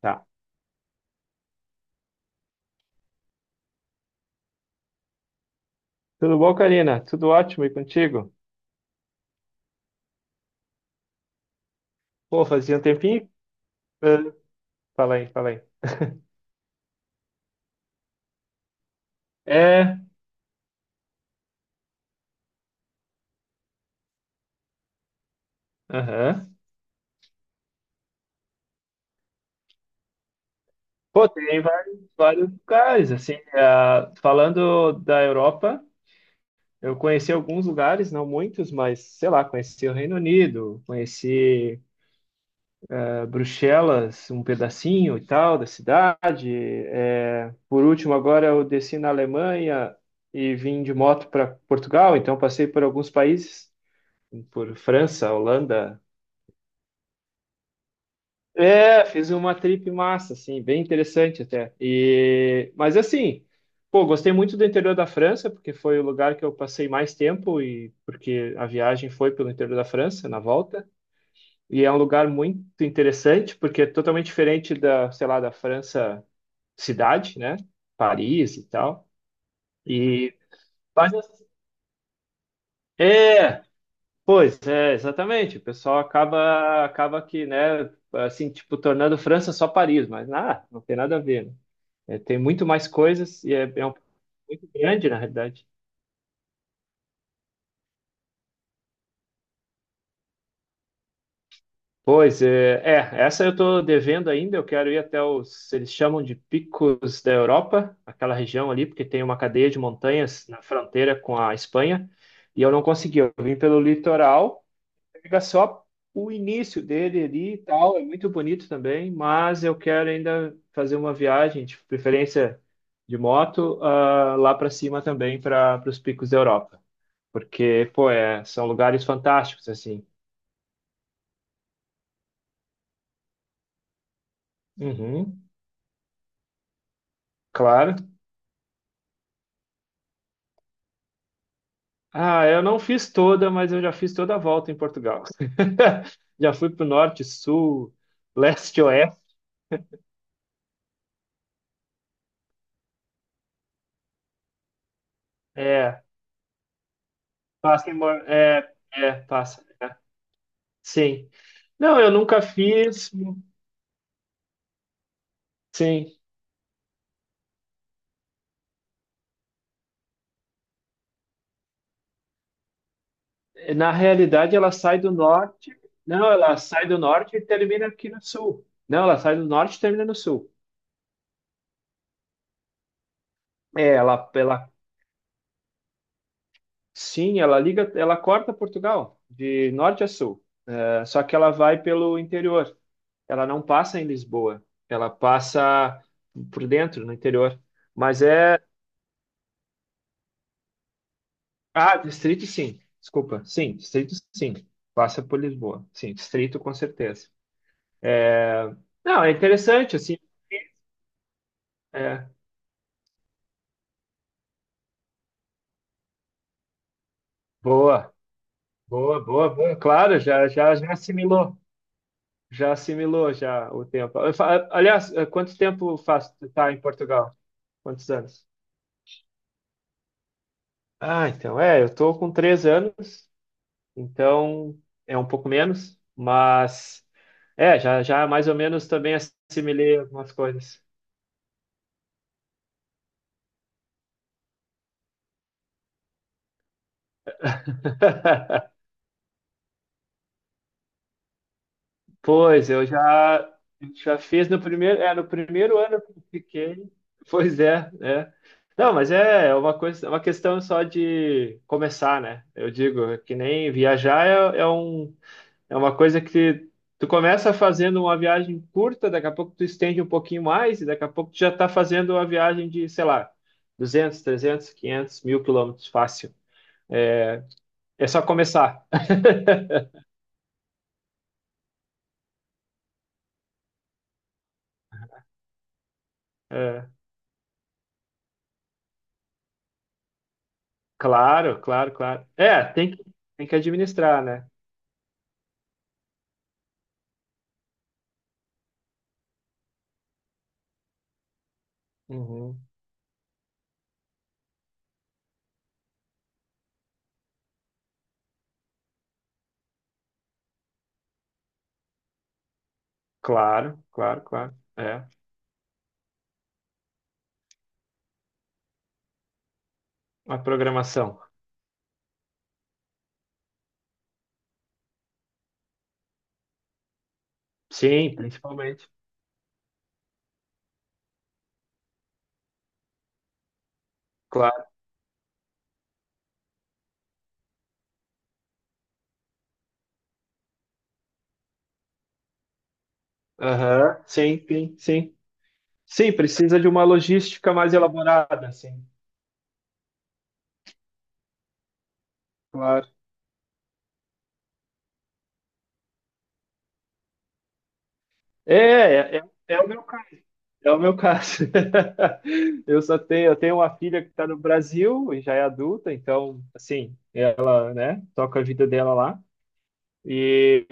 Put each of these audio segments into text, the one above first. Tá. Tudo bom, Karina? Tudo ótimo e contigo? Pô, fazia um tempinho. eh, Fala aí, fala aí. É, aham. Pô, tem vários, vários lugares, assim, falando da Europa, eu conheci alguns lugares, não muitos, mas, sei lá, conheci o Reino Unido, conheci Bruxelas, um pedacinho e tal da cidade. É, por último, agora eu desci na Alemanha e vim de moto para Portugal, então passei por alguns países, por França, Holanda. É, fiz uma trip massa, assim, bem interessante até. E, mas assim, pô, gostei muito do interior da França, porque foi o lugar que eu passei mais tempo e porque a viagem foi pelo interior da França na volta. E é um lugar muito interessante, porque é totalmente diferente da, sei lá, da França cidade, né? Paris e tal. E mas, é, pois é, exatamente. O pessoal acaba que, né, assim, tipo, tornando França só Paris, mas nada, não tem nada a ver, né? É, tem muito mais coisas e é, é um, muito grande, na realidade. Pois é, é, essa eu estou devendo ainda. Eu quero ir até os, eles chamam de Picos da Europa, aquela região ali, porque tem uma cadeia de montanhas na fronteira com a Espanha, e eu não consegui. Eu vim pelo litoral, pega só o início dele ali e tal, é muito bonito também, mas eu quero ainda fazer uma viagem, de preferência de moto, lá para cima também, para os Picos da Europa. Porque, pô, é, são lugares fantásticos, assim. Uhum, claro. Ah, eu não fiz toda, mas eu já fiz toda a volta em Portugal. Já fui pro norte, sul, leste, oeste. É, passa em... É, é, passa. É. Sim. Não, eu nunca fiz. Sim. Na realidade, ela sai do norte. Não, ela sai do norte e termina aqui no sul. Não, ela sai do norte e termina no sul. É, ela sim, ela liga, ela corta Portugal de norte a sul. É, só que ela vai pelo interior. Ela não passa em Lisboa, ela passa por dentro, no interior. Mas é. Ah, distrito sim, desculpa. Sim, distrito sim, passa por Lisboa. Sim, distrito com certeza. Não, é interessante, assim. É, boa, boa, boa, boa. Claro, já, já, já assimilou. Já assimilou já o tempo. Aliás, quanto tempo faz tu tá em Portugal? Quantos anos? Ah, então, é, eu tô com 3 anos, então é um pouco menos, mas é, já, já mais ou menos também assimilei algumas coisas. Pois, eu já, já fiz no primeiro, é, no primeiro ano que eu fiquei. Pois é, é. Não, mas é é uma coisa, é uma questão só de começar, né? Eu digo, é que nem viajar é, é um, é uma coisa que tu começa fazendo uma viagem curta, daqui a pouco tu estende um pouquinho mais, e daqui a pouco tu já está fazendo uma viagem de, sei lá, 200, 300, 500, 1.000 km, fácil. É, é só começar. É, claro, claro, claro. É, tem que administrar, né? Uhum. Claro, claro, claro. É, a programação. Sim, principalmente. Claro. Aham. Sim, sim, sim. Sim, precisa de uma logística mais elaborada, sim. Claro. É, é, é, é o meu caso. É o meu caso. Eu só tenho, eu tenho uma filha que está no Brasil e já é adulta, então, assim, ela, né, toca a vida dela lá. E,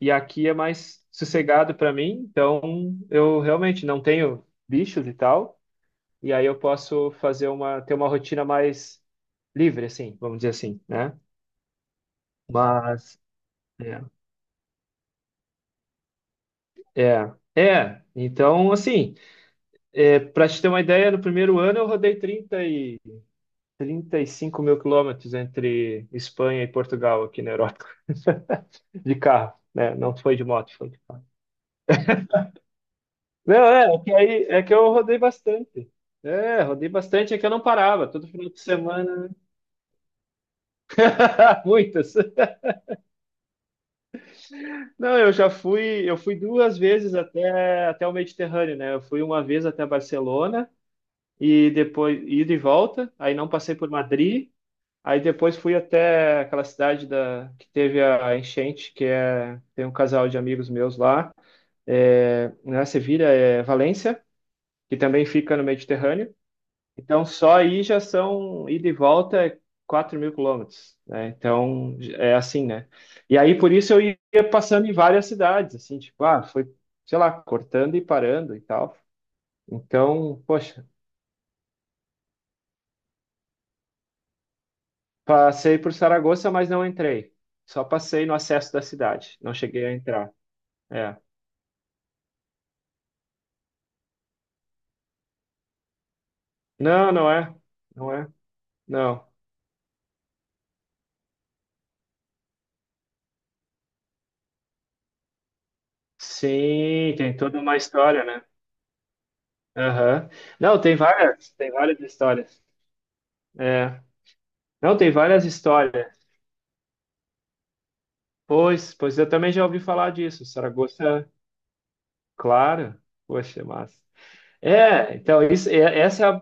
e aqui é mais sossegado para mim, então eu realmente não tenho bichos e tal, e aí eu posso fazer uma, ter uma rotina mais livre, assim, vamos dizer assim, né? Mas, é, é, é. Então, assim, é, para te ter uma ideia, no primeiro ano eu rodei 35.000 km entre Espanha e Portugal aqui na Europa. De carro, né? Não foi de moto, foi. Não, é, é que aí é que eu rodei bastante. É, rodei bastante, é que eu não parava, todo final de semana. Muitas. Não, eu já fui, eu fui duas vezes até o Mediterrâneo, né? Eu fui uma vez até Barcelona e depois ida e volta, aí não passei por Madrid, aí depois fui até aquela cidade da que teve a enchente, que é tem um casal de amigos meus lá. É, né, Sevilha é Valência, que também fica no Mediterrâneo. Então, só aí já são ida e volta é 4 mil quilômetros, né? Então, é assim, né? E aí, por isso, eu ia passando em várias cidades, assim, tipo, ah, foi, sei lá, cortando e parando e tal. Então, poxa, passei por Saragoça, mas não entrei. Só passei no acesso da cidade, não cheguei a entrar. É. Não, não é, não é, não. Sim, tem toda uma história, né? Aham. Não, tem várias histórias. É. Não, tem várias histórias. Pois, pois eu também já ouvi falar disso. Saragossa, claro. Poxa, massa. É, então isso, é- essa é a,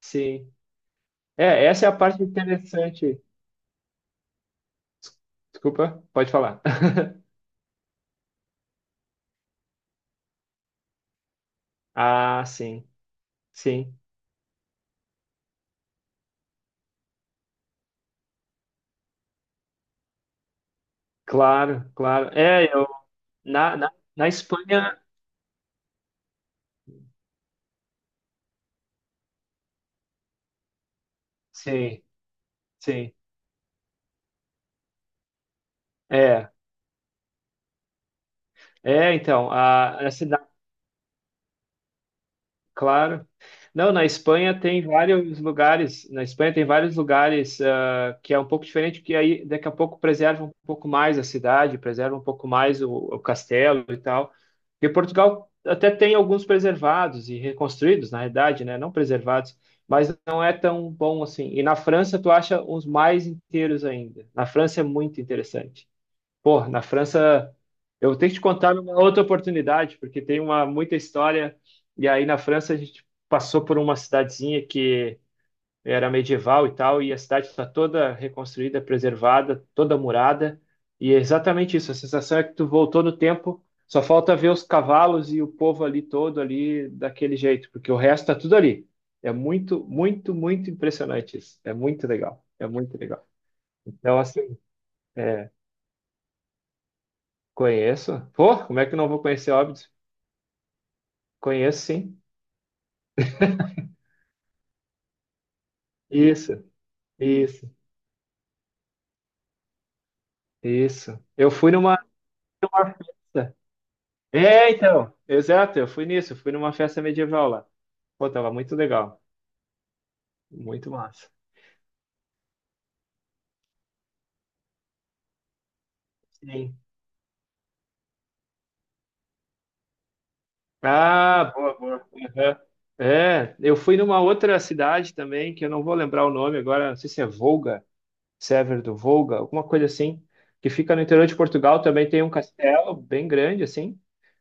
sim. É, essa é a parte interessante. Desculpa, pode falar. Ah, sim. Sim. Claro, claro. É, eu na, na, na Espanha, sim, sim. É. É, então, a claro. Não, na Espanha tem vários lugares, na Espanha tem vários lugares que é um pouco diferente, que aí daqui a pouco preserva um pouco mais a cidade, preserva um pouco mais o castelo e tal. E Portugal até tem alguns preservados e reconstruídos, na realidade, né? Não preservados, mas não é tão bom assim. E na França tu acha uns mais inteiros ainda. Na França é muito interessante. Pô, na França, eu tenho que te contar uma outra oportunidade, porque tem uma muita história. E aí na França a gente passou por uma cidadezinha que era medieval e tal, e a cidade está toda reconstruída, preservada, toda murada. E é exatamente isso. A sensação é que tu voltou no tempo. Só falta ver os cavalos e o povo ali todo ali daquele jeito, porque o resto tá tudo ali. É muito, muito, muito impressionante isso. É muito legal. É muito legal. Então, assim. É. Conheço? Pô, como é que não vou conhecer Óbidos? Conheço, sim. Isso, isso, isso. Eu fui numa, numa festa. É, então, exato, eu fui nisso, eu fui numa festa medieval lá. Pô, tava muito legal, muito massa. Sim. Ah, boa, boa. Uhum. É, eu fui numa outra cidade também, que eu não vou lembrar o nome agora, não sei se é Volga, Sever do Volga, alguma coisa assim, que fica no interior de Portugal, também tem um castelo bem grande, assim.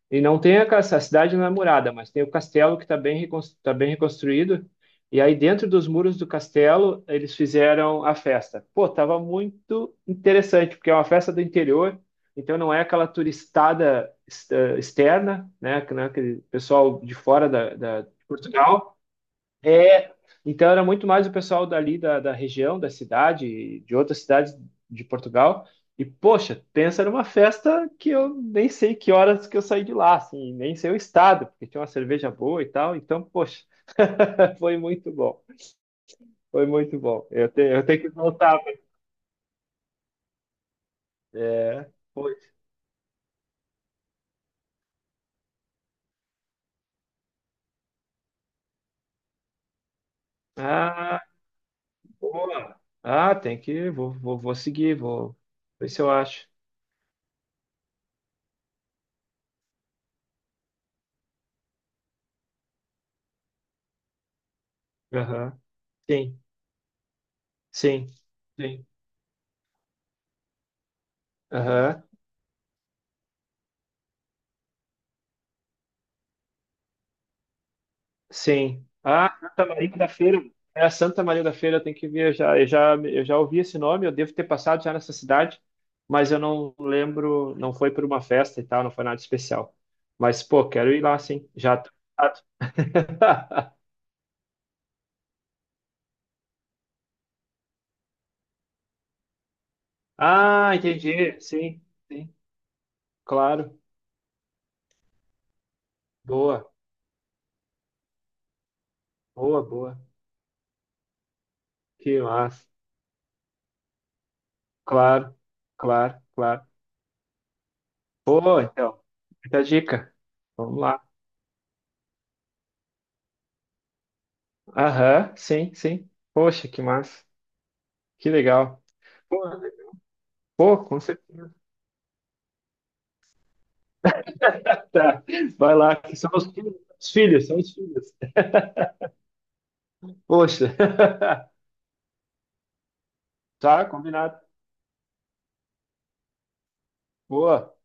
E não tem a, a cidade não é murada, mas tem o castelo que está bem, tá bem reconstruído. E aí, dentro dos muros do castelo, eles fizeram a festa. Pô, tava muito interessante, porque é uma festa do interior, então não é aquela turistada externa, né? Que não é aquele pessoal de fora da, da de Portugal, é, então era muito mais o pessoal dali da, da região, da cidade, de outras cidades de Portugal. E, poxa, pensa numa festa que eu nem sei que horas que eu saí de lá, assim, nem sei o estado, porque tinha uma cerveja boa e tal. Então, poxa, foi muito bom. Foi muito bom. Eu, te, eu tenho que voltar. É, foi. Ah, boa. Ah, tem que. Vou, vou, vou seguir, vou ver se eu acho. Aham. Sim, sim, sim. Aham. Sim. Ah, Santa Maria da Feira. É a Santa Maria da Feira, eu tenho que viajar. Eu já ouvi esse nome, eu devo ter passado já nessa cidade, mas eu não lembro, não foi por uma festa e tal, não foi nada especial. Mas, pô, quero ir lá, sim. Já tô... Ah, entendi. Sim, sim. Claro. Boa, boa, boa. Que massa. Claro, claro, claro. Pô, então, muita dica. Vamos lá. Aham, sim, sim. Poxa, que massa. Que legal. Pô, pô, com certeza. Tá. Vai lá, que são os filhos, são os filhos. Poxa. Tá, combinado. Boa.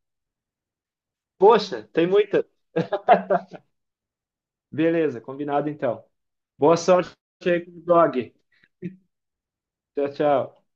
Poxa, tem muita. Beleza, combinado então. Boa sorte aí com o blog. Tchau, tchau.